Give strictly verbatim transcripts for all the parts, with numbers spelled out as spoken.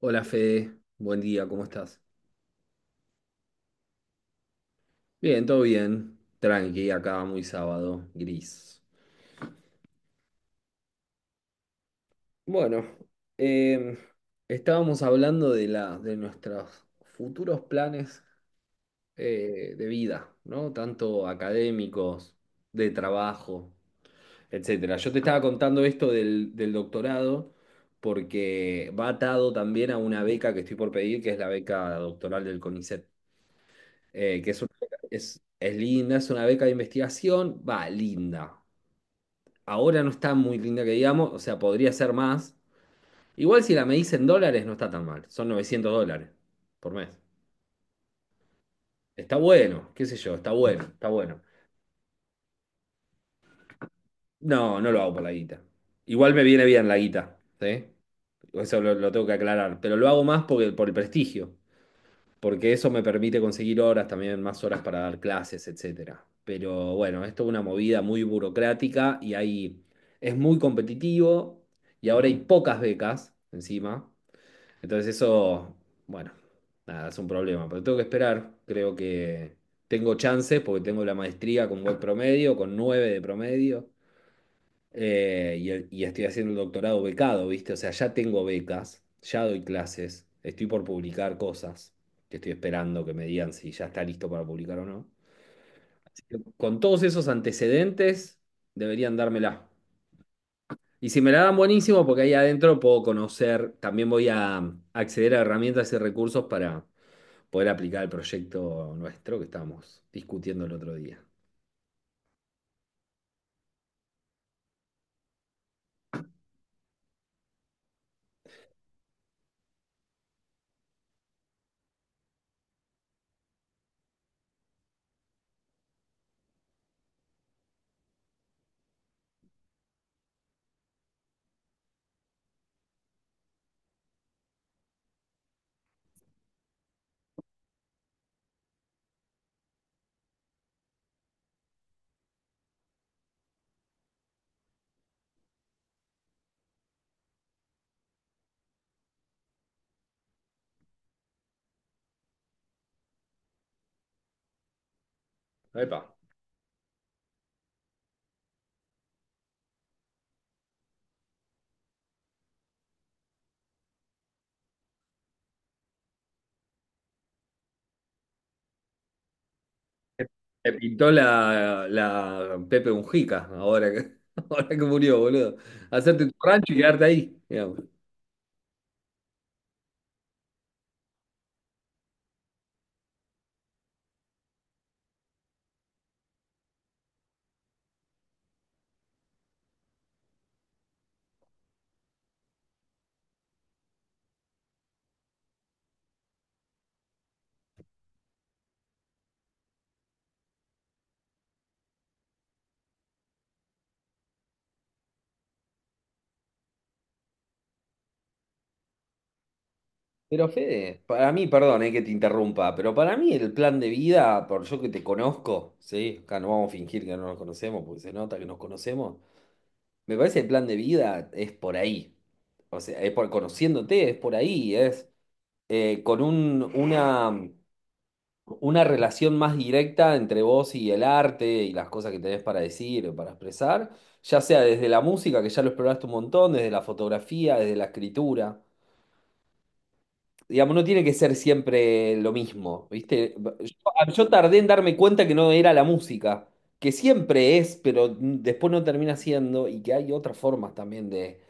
Hola Fede, buen día, ¿cómo estás? Bien, todo bien, tranqui, acá muy sábado, gris. Bueno, em, estábamos hablando de la, de nuestros futuros planes eh, de vida, ¿no? Tanto académicos, de trabajo, etcétera. Yo te estaba contando esto del, del doctorado porque va atado también a una beca que estoy por pedir, que es la beca doctoral del CONICET. Eh, que es, una beca- es, es linda, es una beca de investigación, va, linda. Ahora no está muy linda que digamos, o sea, podría ser más. Igual si la medís en dólares no está tan mal, son novecientos dólares por mes. Está bueno, qué sé yo, está bueno, está bueno. No, no lo hago por la guita. Igual me viene bien la guita, ¿sí? Eso lo, lo tengo que aclarar, pero lo hago más porque, por el prestigio. Porque eso me permite conseguir horas, también más horas para dar clases, etcétera. Pero bueno, esto es una movida muy burocrática y ahí es muy competitivo y ahora hay pocas becas encima. Entonces eso, bueno, nada, es un problema, pero tengo que esperar. Creo que tengo chances porque tengo la maestría con buen promedio, con nueve de promedio eh, y, el- y estoy haciendo el doctorado becado, ¿viste? O sea, ya tengo becas, ya doy clases, estoy por publicar cosas, que estoy esperando que me digan si ya está listo para publicar o no. Así que con todos esos antecedentes, deberían dármela. Y si me la dan, buenísimo, porque ahí adentro puedo conocer, también voy a um, acceder a herramientas y recursos para poder aplicar el proyecto nuestro que estábamos discutiendo el otro día. Epa. Me pintó la, la Pepe Mujica, ahora que, ahora que murió, boludo. Hacerte tu rancho y quedarte ahí, digamos. Pero Fede, para mí, perdón, eh, que te interrumpa, pero para mí el plan de vida, por yo que te conozco, ¿sí? Acá no vamos a fingir que no nos conocemos, porque se nota que nos conocemos. Me parece que el plan de vida es por ahí. O sea, es por conociéndote, es por ahí, es eh, con un, una una relación más directa entre vos y el arte y las cosas que tenés para decir o para expresar, ya sea desde la música, que ya lo exploraste un montón, desde la fotografía, desde la escritura. Digamos, no tiene que ser siempre lo mismo, ¿viste? Yo, ah, yo tardé en darme cuenta que no era la música, que siempre es, pero después no termina siendo, y que hay otras formas también de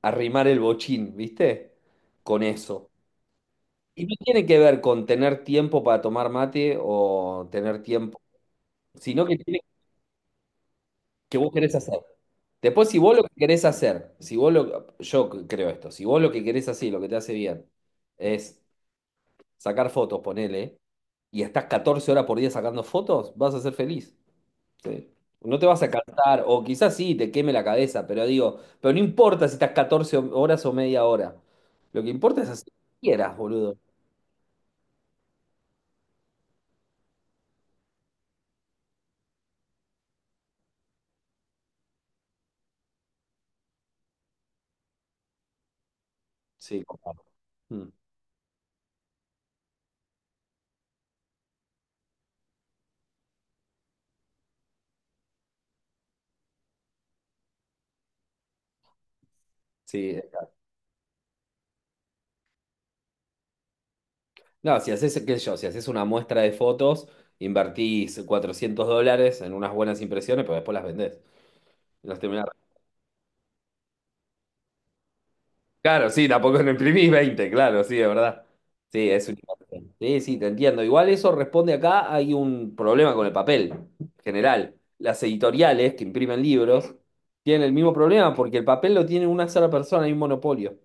arrimar el bochín, ¿viste? Con eso. Y no tiene que ver con tener tiempo para tomar mate o tener tiempo, sino que tiene que vos querés hacer. Después, si vos lo que querés hacer, si vos lo, yo creo esto, si vos lo que querés hacer, y lo que te hace bien, es sacar fotos, ponele, y estás catorce horas por día sacando fotos, vas a ser feliz. Sí. No te vas a cansar, o quizás sí, te queme la cabeza, pero digo, pero no importa si estás catorce horas o media hora. Lo que importa es hacer lo que quieras, boludo. Sí, compadre. Mm. Sí. No, si haces, qué sé yo, si haces una muestra de fotos, invertís cuatrocientos dólares en unas buenas impresiones, pero después las vendés. Las terminás- Claro, sí, tampoco no imprimís veinte, claro, sí, es verdad. Sí, es un... Sí, sí, te entiendo. Igual eso responde acá, hay un problema con el papel general. Las editoriales que imprimen libros tienen el mismo problema porque el papel lo tiene una sola persona, hay un monopolio.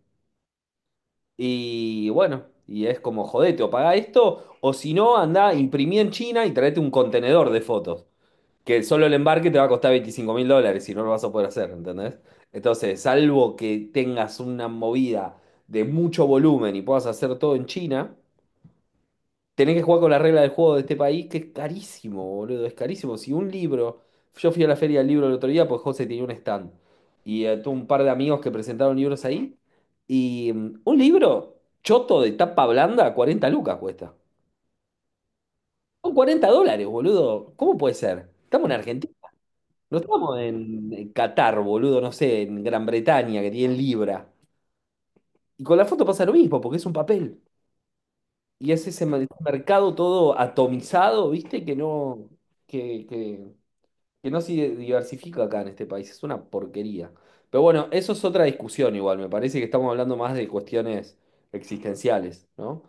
Y bueno, y es como, jodete, o pagá esto, o si no, andá, imprimí en China y traete un contenedor de fotos, que solo el embarque te va a costar veinticinco mil dólares y no lo vas a poder hacer, ¿entendés? Entonces, salvo que tengas una movida de mucho volumen y puedas hacer todo en China, tenés que jugar con la regla del juego de este país, que es carísimo, boludo, es carísimo. Si un libro, yo fui a la feria del libro el otro día, pues José tenía un stand y eh, tuve un par de amigos que presentaron libros ahí y mm, un libro choto de tapa blanda, cuarenta lucas cuesta. Son cuarenta dólares, boludo. ¿Cómo puede ser? Estamos en Argentina. No estamos en Qatar, boludo, no sé, en Gran Bretaña, que tienen libra. Y con la foto pasa lo mismo, porque es un papel. Y es ese mer- mercado todo atomizado, ¿viste? Que no, que, que, que no se diversifica acá en este país. Es una porquería. Pero bueno, eso es otra discusión igual. Me parece que estamos hablando más de cuestiones existenciales, ¿no?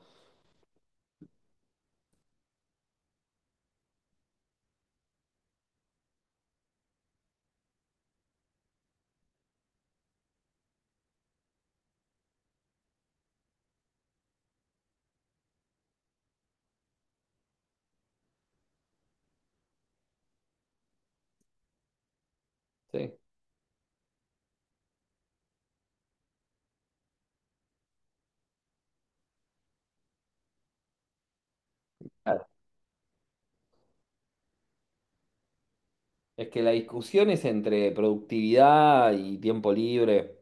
Sí. Claro. Es que la discusión es entre productividad y tiempo libre.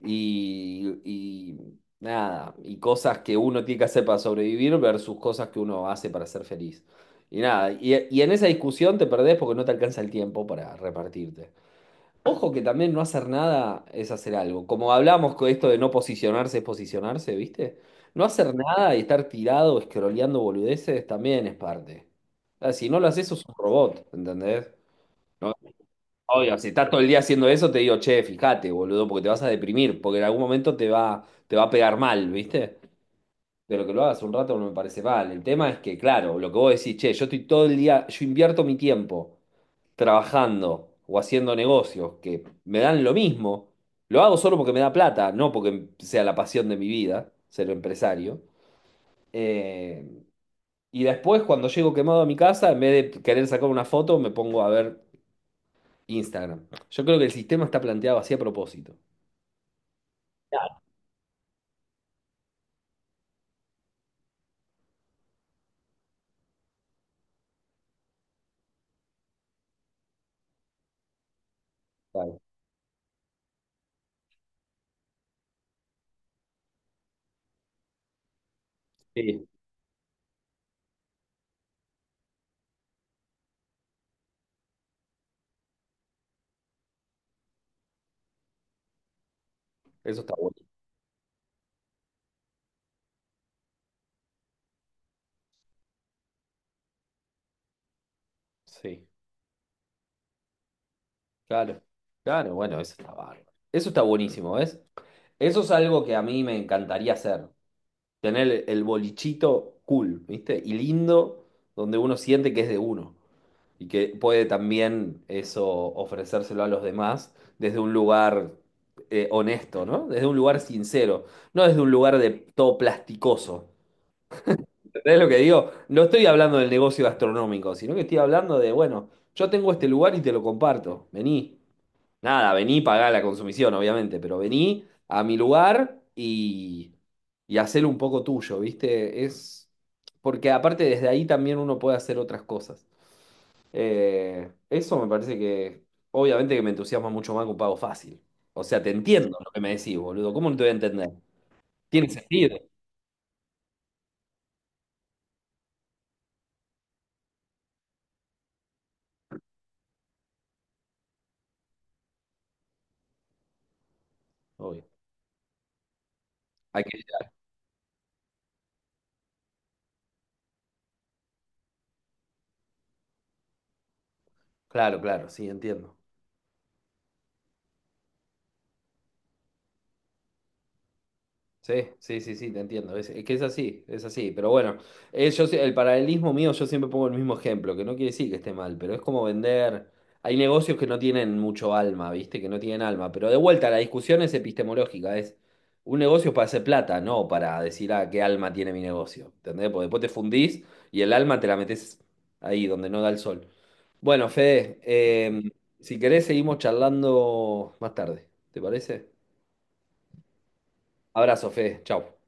y, y nada, y cosas que uno tiene que hacer para sobrevivir versus cosas que uno hace para ser feliz. Y nada, y, y en esa discusión te perdés porque no te alcanza el tiempo para repartirte. Ojo que también no hacer nada es hacer algo. Como hablamos con esto de no posicionarse es posicionarse, ¿viste? No hacer nada y estar tirado, escroleando boludeces, también es parte. Ah, si no lo haces, sos un robot, ¿entendés? Obvio, si estás todo el día haciendo eso, te digo, che, fíjate, boludo, porque te vas a deprimir, porque en algún momento te va, te va a pegar mal, ¿viste? Pero que lo hagas un rato no me parece mal. El tema es que, claro, lo que vos decís, che, yo estoy todo el día, yo invierto mi tiempo trabajando o haciendo negocios que me dan lo mismo, lo hago solo porque me da plata, no porque sea la pasión de mi vida, ser empresario. Eh, y después, cuando llego quemado a mi casa, en vez de querer sacar una foto, me pongo a ver Instagram. Yo creo que el sistema está planteado así a propósito. Claro. Sí, eso está bueno. Sí, claro. Claro, bueno, eso está bárbaro. Eso está buenísimo, ¿ves? Eso es algo que a mí me encantaría hacer. Tener el el bolichito cool, ¿viste? Y lindo, donde uno siente que es de uno. Y que puede también eso ofrecérselo a los demás desde un lugar eh, honesto, ¿no? Desde un lugar sincero. No desde un lugar de todo plasticoso. ¿Entendés lo que digo? No estoy hablando del negocio gastronómico, sino que estoy hablando de, bueno, yo tengo este lugar y te lo comparto. Vení. Nada, vení, pagá la consumición, obviamente, pero vení a mi lugar y, y hacelo un poco tuyo, ¿viste? Es porque aparte desde ahí también uno puede hacer otras cosas. Eh, eso me parece que, obviamente que me entusiasma mucho más que un pago fácil. O sea, te entiendo lo que me decís, boludo. ¿Cómo no te voy a entender? Tiene sentido, obvio. Hay que- Claro, claro, sí, entiendo. Sí, sí, sí, sí, te entiendo. Es, es que es así, es así. Pero bueno, eh, yo sie- el paralelismo mío, yo siempre pongo el mismo ejemplo, que no quiere decir que esté mal, pero es como vender. Hay negocios que no tienen mucho alma, ¿viste? Que no tienen alma. Pero de vuelta, la discusión es epistemológica. Es un negocio para hacer plata, no para decir, ah, qué alma tiene mi negocio. ¿Entendés? Porque después te fundís y el alma te la metés ahí, donde no da el sol. Bueno, Fede, eh, si querés, seguimos charlando más tarde. ¿Te parece? Abrazo, Fede. Chau.